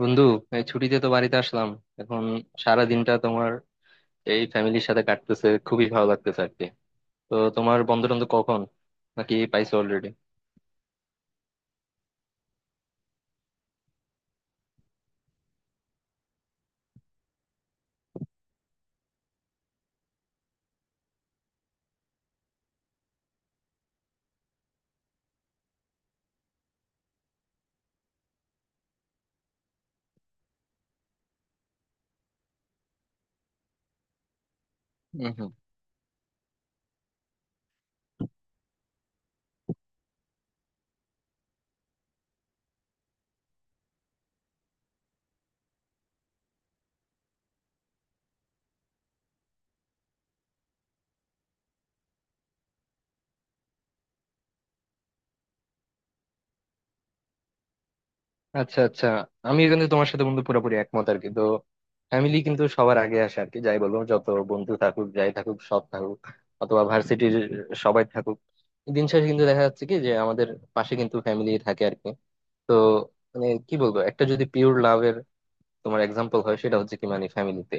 বন্ধু, এই ছুটিতে তো বাড়িতে আসলাম। এখন সারা দিনটা তোমার এই ফ্যামিলির সাথে কাটতেছে, খুবই ভালো লাগতেছে আর কি। তো তোমার বন্ধ টন্ধ কখন, নাকি পাইছো অলরেডি? হম। হম। আচ্ছা, আচ্ছা। আমি কিন্তু তোমার সাথে বন্ধু পুরোপুরি একমত আর কি। তো ফ্যামিলি কিন্তু সবার আগে আসে আর কি, যাই বলো, যত বন্ধু থাকুক, যাই থাকুক, সৎ থাকুক অথবা ভার্সিটির, সবাই থাকুক, দিন শেষে কিন্তু দেখা যাচ্ছে কি যে আমাদের পাশে কিন্তু ফ্যামিলি থাকে আর কি। তো মানে কি বলবো, একটা যদি পিওর লাভের তোমার এক্সাম্পল হয়, সেটা হচ্ছে কি মানে ফ্যামিলিতে।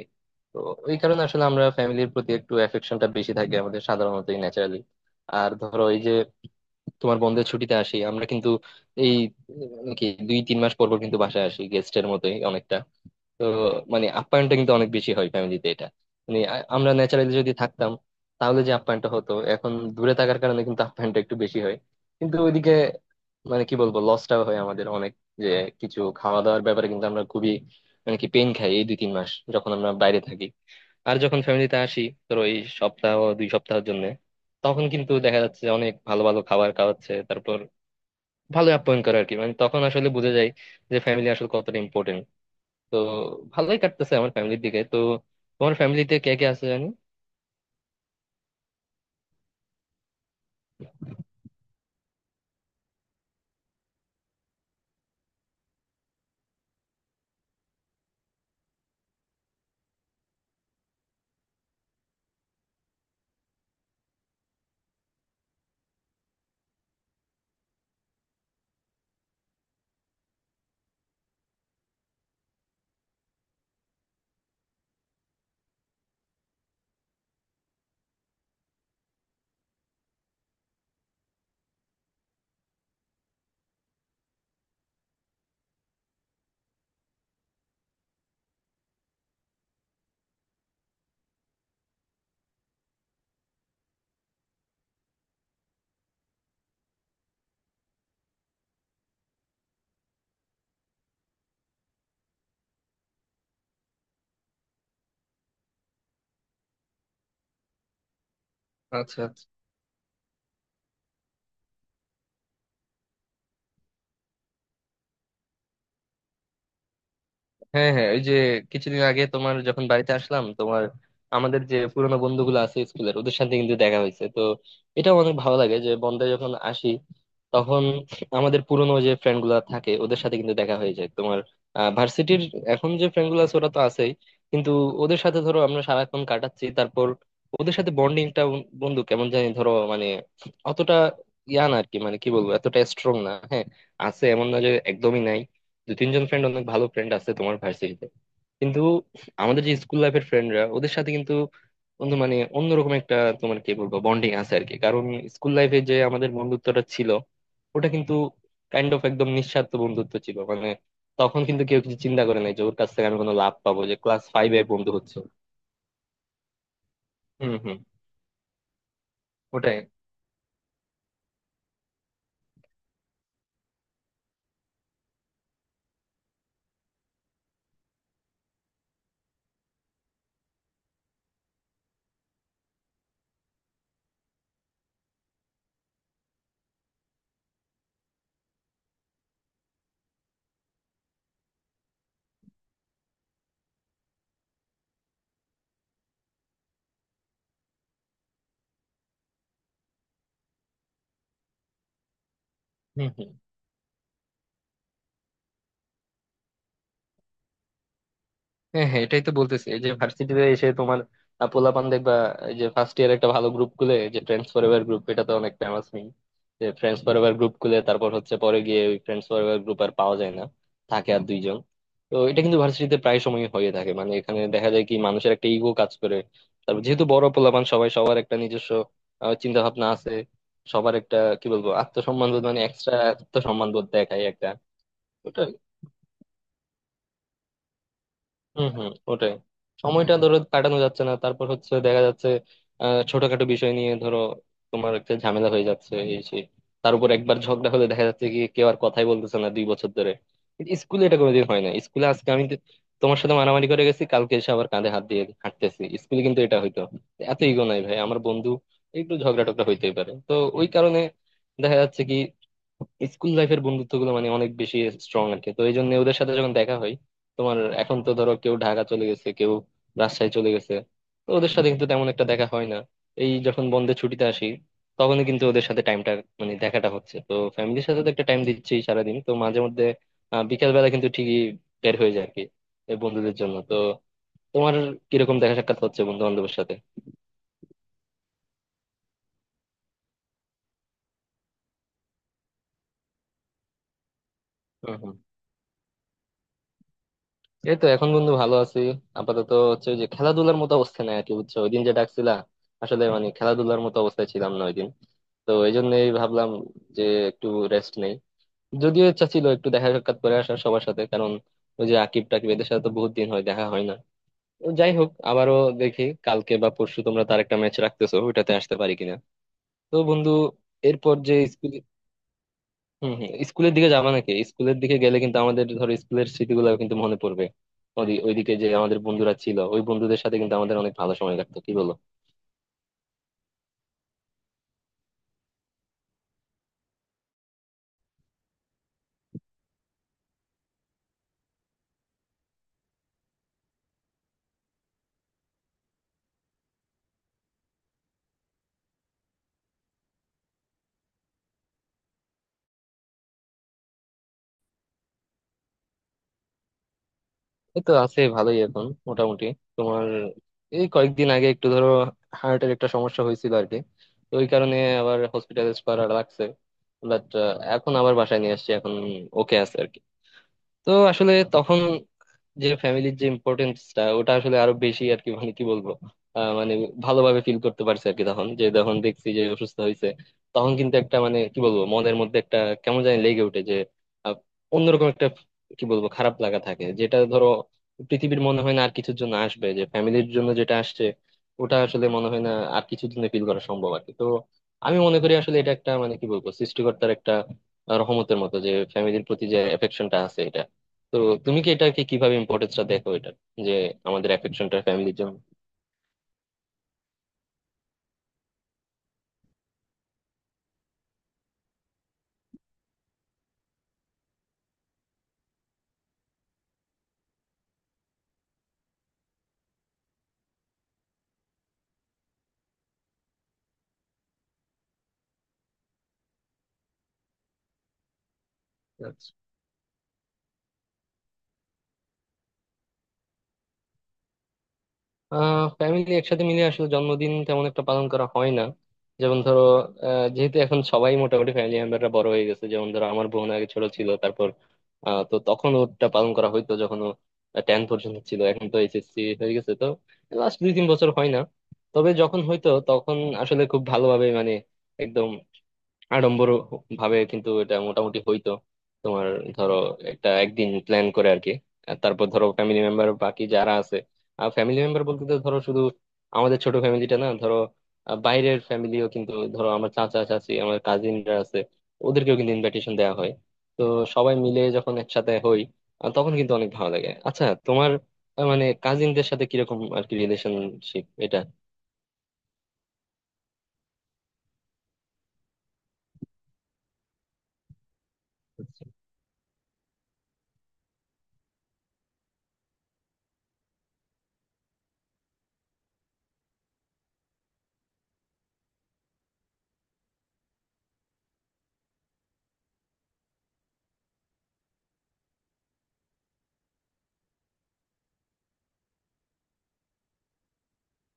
তো ওই কারণে আসলে আমরা ফ্যামিলির প্রতি একটু অ্যাফেকশনটা বেশি থাকে আমাদের, সাধারণত ন্যাচারালি। আর ধরো এই যে তোমার বন্ধের ছুটিতে আসি আমরা কিন্তু এই কি দুই তিন মাস পর পর কিন্তু বাসায় আসি গেস্টের মতোই অনেকটা। তো মানে আপ্যায়নটা কিন্তু অনেক বেশি হয় ফ্যামিলিতে এটা, মানে আমরা ন্যাচারালি যদি থাকতাম, তাহলে যে আপ্যায়নটা হতো, এখন দূরে থাকার কারণে কিন্তু আপ্যায়নটা একটু বেশি হয়। কিন্তু ওইদিকে মানে কি বলবো লসটাও হয় আমাদের অনেক, যে কিছু খাওয়া দাওয়ার ব্যাপারে কিন্তু আমরা খুবই মানে কি পেন খাই এই দুই তিন মাস যখন আমরা বাইরে থাকি। আর যখন ফ্যামিলিতে আসি ধরো এই সপ্তাহ দুই সপ্তাহের জন্য, তখন কিন্তু দেখা যাচ্ছে অনেক ভালো ভালো খাবার খাওয়াচ্ছে, তারপর ভালো আপ্যায়ন করে আর কি। মানে তখন আসলে বুঝে যায় যে ফ্যামিলি আসলে কতটা ইম্পর্টেন্ট। তো ভালোই কাটতেছে আমার ফ্যামিলির দিকে। তো তোমার ফ্যামিলিতে কে কে আছে জানি? আচ্ছা। হ্যাঁ, হ্যাঁ, ওই যে কিছুদিন আগে তোমার যখন বাড়িতে আসলাম, তোমার আমাদের যে পুরোনো বন্ধুগুলো আছে স্কুলের, ওদের সাথে কিন্তু দেখা হয়েছে। তো এটা অনেক ভালো লাগে যে বন্ধে যখন আসি, তখন আমাদের পুরোনো যে ফ্রেন্ড গুলা থাকে ওদের সাথে কিন্তু দেখা হয়ে যায়। তোমার ভার্সিটির এখন যে ফ্রেন্ড গুলো আছে ওরা তো আছেই, কিন্তু ওদের সাথে ধরো আমরা সারাক্ষণ কাটাচ্ছি, তারপর ওদের সাথে বন্ডিংটা বন্ধু কেমন জানি ধরো মানে অতটা ইয়া না আর কি। মানে কি বলবো এতটা স্ট্রং না। হ্যাঁ, আছে, এমন না যে একদমই নাই। দু তিনজন ফ্রেন্ড অনেক ভালো ফ্রেন্ড আছে তোমার ভার্সিটিতে, কিন্তু আমাদের যে স্কুল লাইফের ফ্রেন্ডরা ওদের সাথে কিন্তু বন্ধু মানে অন্যরকম একটা তোমার কি বলবো বন্ডিং আছে আর কি। কারণ স্কুল লাইফে যে আমাদের বন্ধুত্বটা ছিল, ওটা কিন্তু কাইন্ড অফ একদম নিঃস্বার্থ বন্ধুত্ব ছিল। মানে তখন কিন্তু কেউ কিছু চিন্তা করে নাই যে ওর কাছ থেকে আমি কোনো লাভ পাবো, যে ক্লাস ফাইভে বন্ধু হচ্ছে। হুম, হুম, ওটাই। হুম, হুম। হ্যাঁ, হ্যাঁ, এটাই তো বলতেছি এই যে ভার্সিটিতে এসে তোমার পোলাপান দেখবা এই যে ফার্স্ট ইয়ার একটা ভালো গ্রুপ খুলে যে ফ্রেন্ডস ফরএভার গ্রুপ, এটা তো অনেক ফেমাস নেই? যে ফ্রেন্ডস ফরএভার গ্রুপ খুলে তারপর হচ্ছে পরে গিয়ে ওই ফ্রেন্ডস ফরএভার গ্রুপ আর পাওয়া যায় না, থাকে আর দুইজন। তো এটা কিন্তু ভার্সিটিতে প্রায় সময় হয়ে থাকে। মানে এখানে দেখা যায় কি, মানুষের একটা ইগো কাজ করে, তারপর যেহেতু বড় পোলাপান, সবাই সবার একটা নিজস্ব চিন্তা ভাবনা আছে, সবার একটা কি বলবো আত্মসম্মান বোধ, মানে এক্সট্রা আত্মসম্মান বোধ দেখায় একটা। হম, হম, ওটাই। সময়টা ধরো কাটানো যাচ্ছে না, তারপর হচ্ছে দেখা যাচ্ছে ছোটখাটো বিষয় নিয়ে ধরো তোমার একটা ঝামেলা হয়ে যাচ্ছে এই সেই। তার উপর একবার ঝগড়া হলে দেখা যাচ্ছে কি কেউ আর কথাই বলতেছে না দুই বছর ধরে। স্কুলে এটা কোনোদিন হয় না। স্কুলে আজকে তোমার সাথে মারামারি করে গেছি, কালকে এসে আবার কাঁধে হাত দিয়ে হাঁটতেছি, স্কুলে কিন্তু এটা হইতো। এত ইগো নাই ভাই আমার বন্ধু, একটু ঝগড়া টগড়া হইতেই পারে। তো ওই কারণে দেখা যাচ্ছে কি স্কুল লাইফের বন্ধুত্ব গুলো মানে অনেক বেশি স্ট্রং আর কি। তো এই জন্য ওদের সাথে যখন দেখা হয়, তোমার এখন তো ধরো কেউ ঢাকা চলে গেছে, কেউ রাজশাহী চলে গেছে, তো ওদের সাথে কিন্তু তেমন একটা দেখা হয় না। এই যখন বন্ধের ছুটিতে আসি তখনই কিন্তু ওদের সাথে টাইমটা মানে দেখাটা হচ্ছে। তো ফ্যামিলির সাথে তো একটা টাইম দিচ্ছি সারাদিন, তো মাঝে মধ্যে বিকেল বেলা কিন্তু ঠিকই বের হয়ে যায় আর কি এই বন্ধুদের জন্য। তো তোমার কিরকম দেখা সাক্ষাৎ হচ্ছে বন্ধু বান্ধবের সাথে? হম। এই তো এখন বন্ধু ভালো আছি। আপাতত হচ্ছে ওই যে খেলাধুলার মতো অবস্থা নাই আর কি, বুঝছো, ওই দিন যে ডাকছিলা, আসলে মানে খেলাধুলার মতো অবস্থায় ছিলাম না ওই দিন। তো এই জন্যই ভাবলাম যে একটু রেস্ট নেই। যদিও ইচ্ছা ছিল একটু দেখা সাক্ষাৎ করে আসার সবার সাথে, কারণ ওই যে আকিব টাকিব এদের সাথে তো বহুত দিন হয় দেখা হয় না। তো যাই হোক, আবারও দেখি কালকে বা পরশু তোমরা তার একটা ম্যাচ রাখতেছো, ওইটাতে আসতে পারি কিনা। তো বন্ধু, এরপর যে হম, হম, স্কুলের দিকে যাবা নাকি? স্কুলের দিকে গেলে কিন্তু আমাদের ধরো স্কুলের স্মৃতিগুলো কিন্তু মনে পড়বে। ওইদিকে যে আমাদের বন্ধুরা ছিল, ওই বন্ধুদের সাথে কিন্তু আমাদের অনেক ভালো সময় কাটতো, কি বলো? এই তো আছে, ভালোই এখন মোটামুটি। তোমার এই কয়েকদিন আগে একটু ধরো হার্টের একটা সমস্যা হয়েছিল আর কি। তো ওই কারণে আবার হসপিটালাইজ করা লাগছে। বাট এখন আবার বাসায় নিয়ে আসছি, এখন ওকে আছে আর কি। তো আসলে তখন যে ফ্যামিলির যে ইম্পর্টেন্সটা, ওটা আসলে আরো বেশি আর কি। মানে কি বলবো, মানে ভালোভাবে ফিল করতে পারছে আর কি তখন, যে যখন দেখছি যে অসুস্থ হয়েছে তখন কিন্তু একটা মানে কি বলবো মনের মধ্যে একটা কেমন জানি লেগে ওঠে যে আহ, অন্যরকম একটা কি বলবো খারাপ লাগা থাকে, যেটা ধরো পৃথিবীর মনে হয় না আর কিছুর জন্য আসবে, যে ফ্যামিলির জন্য যেটা আসছে ওটা আসলে মনে হয় না আর কিছুর জন্য ফিল করা সম্ভব আর কি। তো আমি মনে করি আসলে এটা একটা মানে কি বলবো সৃষ্টিকর্তার একটা রহমতের মতো যে ফ্যামিলির প্রতি যে এফেকশনটা আছে এটা। তো তুমি কি এটাকে কিভাবে ইম্পর্টেন্সটা দেখো এটা, যে আমাদের অ্যাফেকশনটা ফ্যামিলির জন্য? ফ্যামিলি একসাথে মিলে আসলে জন্মদিন তেমন একটা পালন করা হয় না। যেমন ধরো যেহেতু এখন সবাই মোটামুটি ফ্যামিলি মেম্বাররা বড় হয়ে গেছে, যেমন ধরো আমার বোন আগে ছোট ছিল, তারপর তো তখন ওটা পালন করা হইতো যখন ও টেন পর্যন্ত ছিল। এখন তো এইচএসসি হয়ে গেছে, তো লাস্ট দুই তিন বছর হয় না। তবে যখন হইতো তখন আসলে খুব ভালোভাবে মানে একদম আড়ম্বর ভাবে কিন্তু এটা মোটামুটি হইতো। তোমার ধরো একটা একদিন প্ল্যান করে আর কি, আর তারপর ধরো ফ্যামিলি মেম্বার বাকি যারা আছে, আর ফ্যামিলি মেম্বার বলতে তো ধরো শুধু আমাদের ছোট ফ্যামিলিটা না, ধরো বাইরের ফ্যামিলিও কিন্তু ধরো আমার চাচা চাচি আমার কাজিনরা আছে, ওদেরকেও কিন্তু ইনভাইটেশন দেওয়া হয়। তো সবাই মিলে যখন একসাথে হই তখন কিন্তু অনেক ভালো লাগে। আচ্ছা তোমার মানে কাজিনদের সাথে কিরকম আর কি রিলেশনশিপ এটা?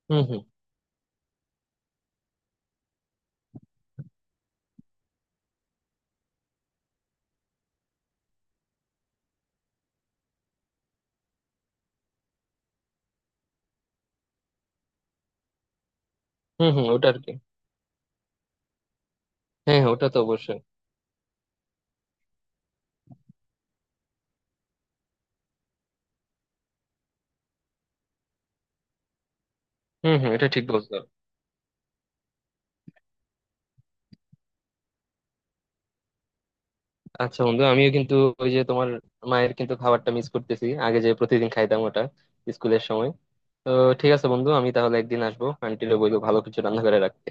হম, হম। হম, হম, ওটা আর কি। হ্যাঁ, হ্যাঁ, ওটা তো অবশ্যই। হম, হম, এটা ঠিক বলছো। আচ্ছা বন্ধু, আমিও কিন্তু ওই যে তোমার মায়ের কিন্তু খাবারটা মিস করতেছি, আগে যে প্রতিদিন খাইতাম ওটা স্কুলের সময়। তো ঠিক আছে বন্ধু, আমি তাহলে একদিন আসবো, আন্টিরে বলবো ভালো কিছু রান্না করে রাখতে।